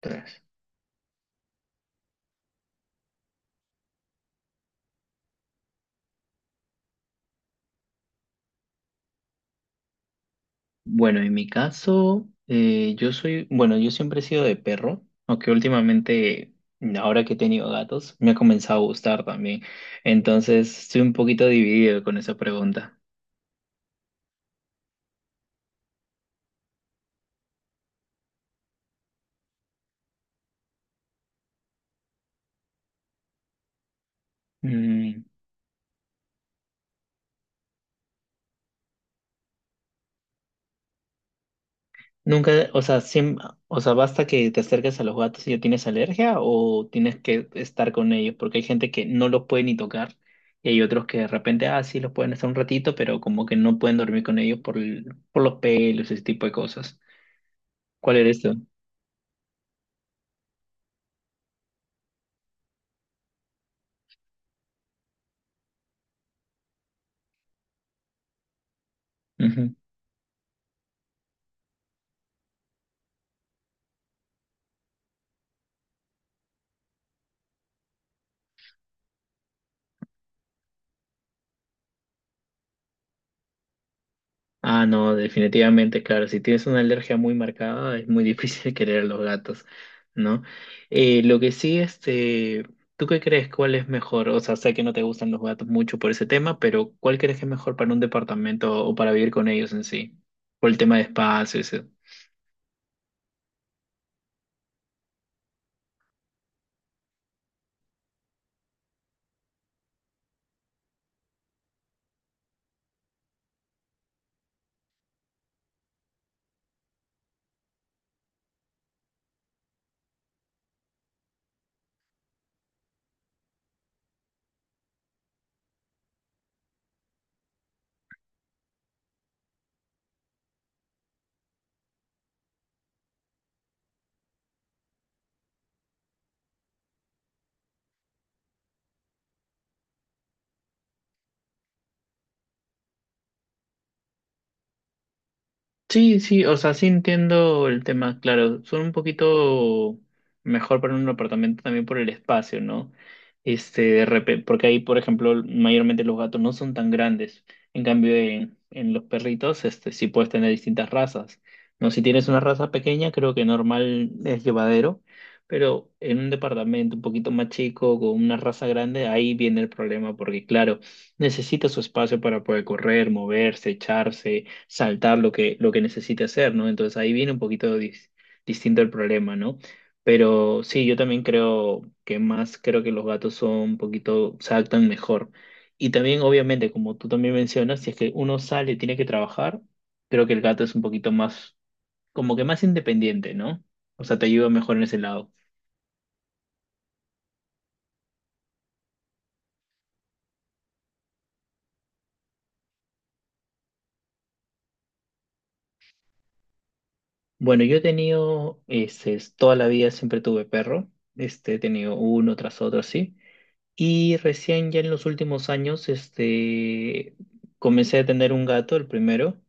Tres. Bueno, en mi caso, yo soy, bueno, yo siempre he sido de perro, aunque últimamente, ahora que he tenido gatos, me ha comenzado a gustar también. Entonces, estoy un poquito dividido con esa pregunta. Mm, nunca, o sea, basta que te acerques a los gatos y ya tienes alergia o tienes que estar con ellos, porque hay gente que no los puede ni tocar y hay otros que de repente, ah, sí, los pueden estar un ratito, pero como que no pueden dormir con ellos por, por los pelos, ese tipo de cosas. ¿Cuál eres tú? Ujú. Ah, no, definitivamente, claro, si tienes una alergia muy marcada es muy difícil querer a los gatos, ¿no? Lo que sí, este, ¿tú qué crees? ¿Cuál es mejor? O sea, sé que no te gustan los gatos mucho por ese tema, pero ¿cuál crees que es mejor para un departamento o para vivir con ellos en sí? Por el tema de espacios. Sí, sí, o sea, sí entiendo el tema, claro, son un poquito mejor para un apartamento también por el espacio, ¿no? Este, porque ahí, por ejemplo, mayormente los gatos no son tan grandes, en cambio en los perritos, este, sí puedes tener distintas razas, ¿no? Si tienes una raza pequeña, creo que normal es llevadero, pero en un departamento un poquito más chico, con una raza grande, ahí viene el problema, porque claro, necesita su espacio para poder correr, moverse, echarse saltar lo que necesite hacer, ¿no? Entonces ahí viene un poquito distinto el problema, ¿no? Pero sí, yo también creo que más, creo que los gatos son un poquito, se adaptan mejor. Y también, obviamente, como tú también mencionas, si es que uno sale y tiene que trabajar, creo que el gato es un poquito más, como que más independiente, ¿no? O sea, te ayuda mejor en ese lado. Bueno, yo he tenido, este, toda la vida siempre tuve perro, este, he tenido uno tras otro, sí. Y recién ya en los últimos años, este, comencé a tener un gato, el primero.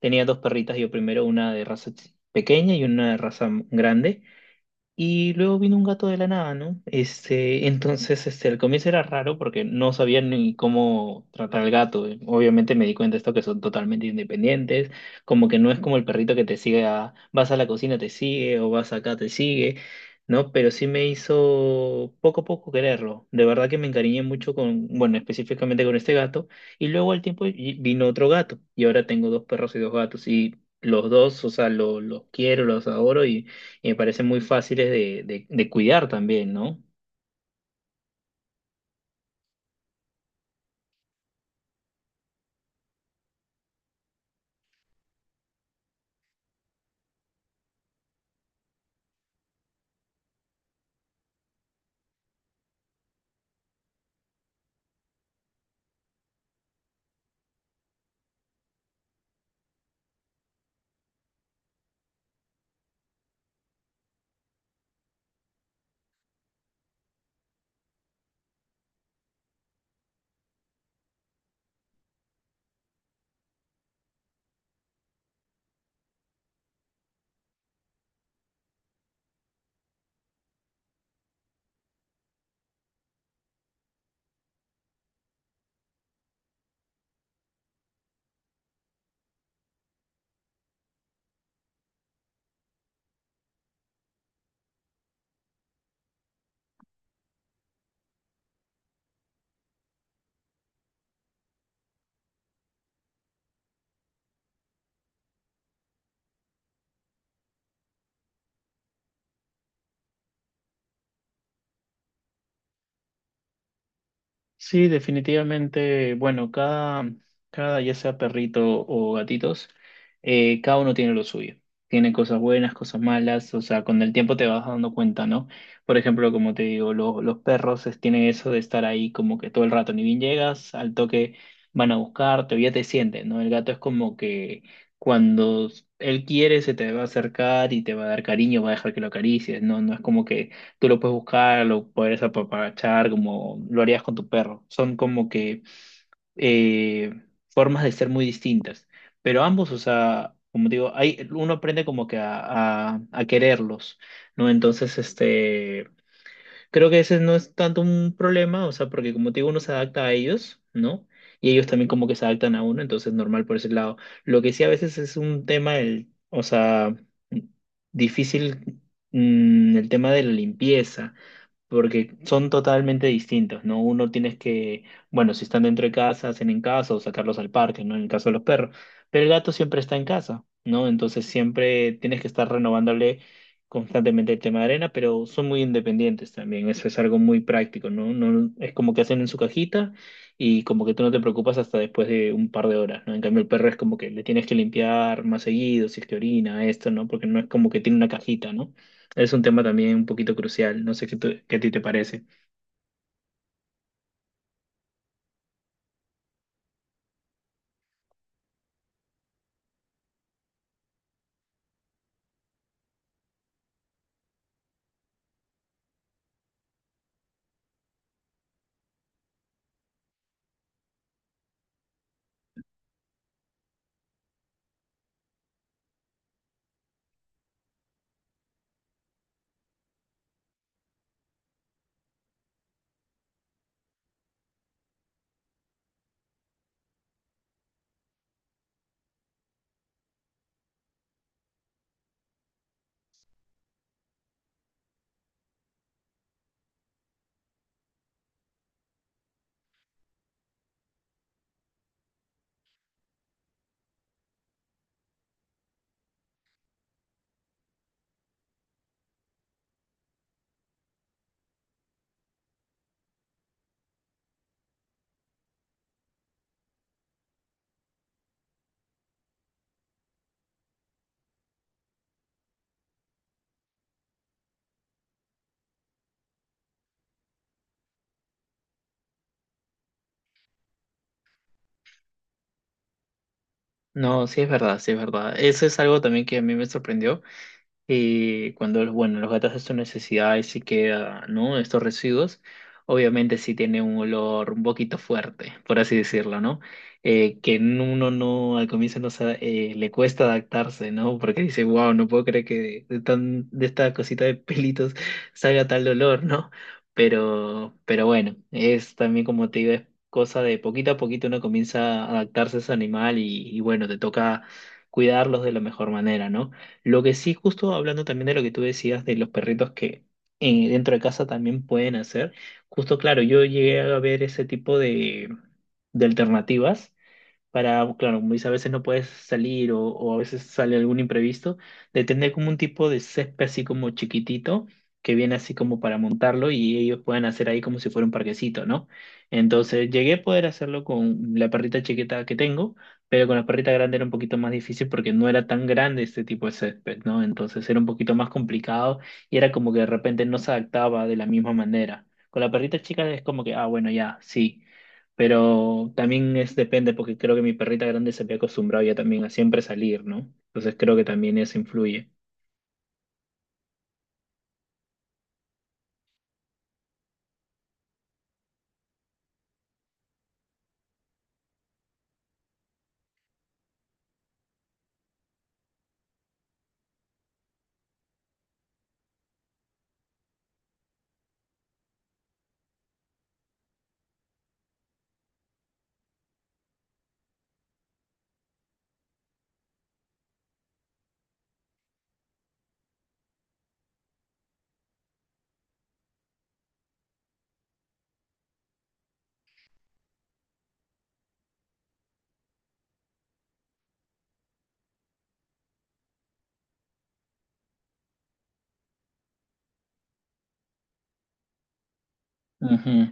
Tenía dos perritas yo primero, una de raza pequeña y una de raza grande. Y luego vino un gato de la nada, ¿no? Este, entonces, este, al comienzo era raro porque no sabía ni cómo tratar al gato. Obviamente me di cuenta de esto que son totalmente independientes, como que no es como el perrito que te sigue a, vas a la cocina, te sigue, o vas acá, te sigue, ¿no? Pero sí me hizo poco a poco quererlo. De verdad que me encariñé mucho con, bueno, específicamente con este gato. Y luego al tiempo y- Vino otro gato. Y ahora tengo dos perros y dos gatos. Y los dos, o sea, los quiero, los adoro y me parecen muy fáciles de cuidar también, ¿no? Sí, definitivamente, bueno, cada, cada, ya sea perrito o gatitos, cada uno tiene lo suyo. Tiene cosas buenas, cosas malas, o sea, con el tiempo te vas dando cuenta, ¿no? Por ejemplo, como te digo, los perros tienen eso de estar ahí como que todo el rato, ni bien llegas, al toque van a buscarte o ya te sienten, ¿no? El gato es como que cuando él quiere se te va a acercar y te va a dar cariño, va a dejar que lo acaricies, ¿no? No es como que tú lo puedes buscar, lo puedes apapachar, como lo harías con tu perro. Son como que eh, formas de ser muy distintas. Pero ambos, o sea, como digo, hay, uno aprende como que a quererlos, ¿no? Entonces, este, creo que ese no es tanto un problema, o sea, porque como te digo, uno se adapta a ellos, ¿no? Y ellos también como que se adaptan a uno, entonces normal por ese lado. Lo que sí a veces es un tema, el, o sea, difícil, el tema de la limpieza, porque son totalmente distintos, ¿no? Uno tienes que, bueno, si están dentro de casa, hacen en casa o sacarlos al parque, ¿no? En el caso de los perros, pero el gato siempre está en casa, ¿no? Entonces siempre tienes que estar renovándole constantemente el tema de arena, pero son muy independientes también. Eso es algo muy práctico, ¿no? No, es como que hacen en su cajita y como que tú no te preocupas hasta después de un par de horas, ¿no? En cambio, el perro es como que le tienes que limpiar más seguido, si es que orina, esto, ¿no? Porque no es como que tiene una cajita, ¿no? Es un tema también un poquito crucial, no sé qué, qué a ti te parece. No, sí es verdad, sí es verdad. Eso es algo también que a mí me sorprendió cuando los, bueno, los gatos hacen sus necesidades y queda, ¿no? Estos residuos, obviamente sí tiene un olor un poquito fuerte, por así decirlo, ¿no? Que uno no, al comienzo no le cuesta adaptarse, ¿no? Porque dice, wow, no puedo creer que de, tan, de esta cosita de pelitos salga tal olor, ¿no? Pero bueno, es también como te digo, es cosa de poquito a poquito uno comienza a adaptarse a ese animal y bueno, te toca cuidarlos de la mejor manera, ¿no? Lo que sí, justo hablando también de lo que tú decías de los perritos que dentro de casa también pueden hacer, justo claro, yo llegué a ver ese tipo de alternativas para, pues, claro, como dice, a veces no puedes salir o a veces sale algún imprevisto, de tener como un tipo de césped así como chiquitito, que viene así como para montarlo y ellos pueden hacer ahí como si fuera un parquecito, ¿no? Entonces llegué a poder hacerlo con la perrita chiquita que tengo, pero con la perrita grande era un poquito más difícil porque no era tan grande este tipo de césped, ¿no? Entonces era un poquito más complicado y era como que de repente no se adaptaba de la misma manera. Con la perrita chica es como que, ah, bueno, ya, sí. Pero también es depende, porque creo que mi perrita grande se había acostumbrado ya también a siempre salir, ¿no? Entonces creo que también eso influye. Ujú,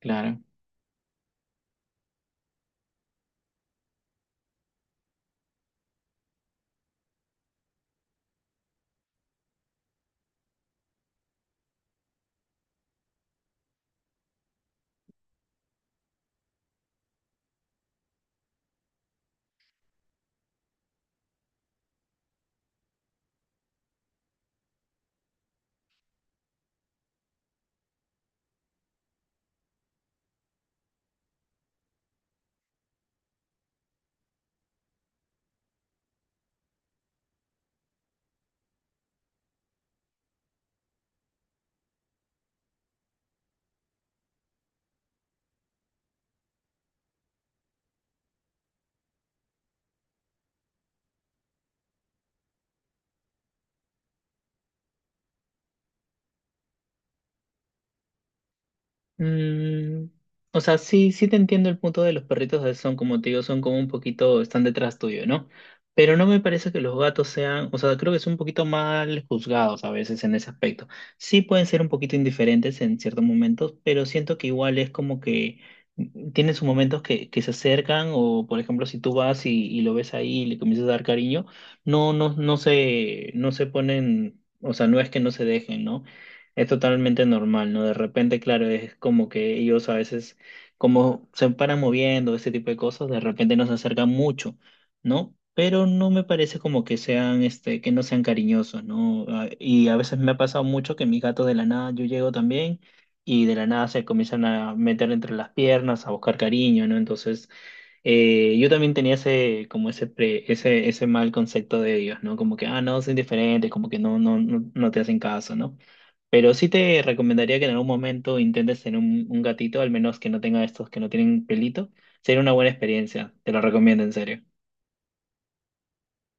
claro. Mm, o sea, sí, sí te entiendo el punto de los perritos de son, como te digo, son como un poquito, están detrás tuyo, ¿no? Pero no me parece que los gatos sean, o sea, creo que son un poquito mal juzgados a veces en ese aspecto. Sí pueden ser un poquito indiferentes en ciertos momentos, pero siento que igual es como que tienen sus momentos que se acercan o, por ejemplo, si tú vas y lo ves ahí y le comienzas a dar cariño, no, no, no se ponen, o sea, no es que no se dejen, ¿no? Es totalmente normal, ¿no? De repente, claro, es como que ellos a veces, como se paran moviendo, ese tipo de cosas, de repente nos acercan mucho, ¿no? Pero no me parece como que sean, este, que no sean cariñosos, ¿no? Ah, y a veces me ha pasado mucho que mis gatos de la nada, yo llego también y de la nada se comienzan a meter entre las piernas, a buscar cariño, ¿no? Entonces... yo también tenía ese, como ese, pre- ese mal concepto de ellos, ¿no? Como que, ah, no, son diferentes, como que no, no, no, no te hacen caso, ¿no? Pero sí te recomendaría que en algún momento intentes tener un gatito, al menos que no tenga estos que no tienen pelito. Sería una buena experiencia, te lo recomiendo en serio.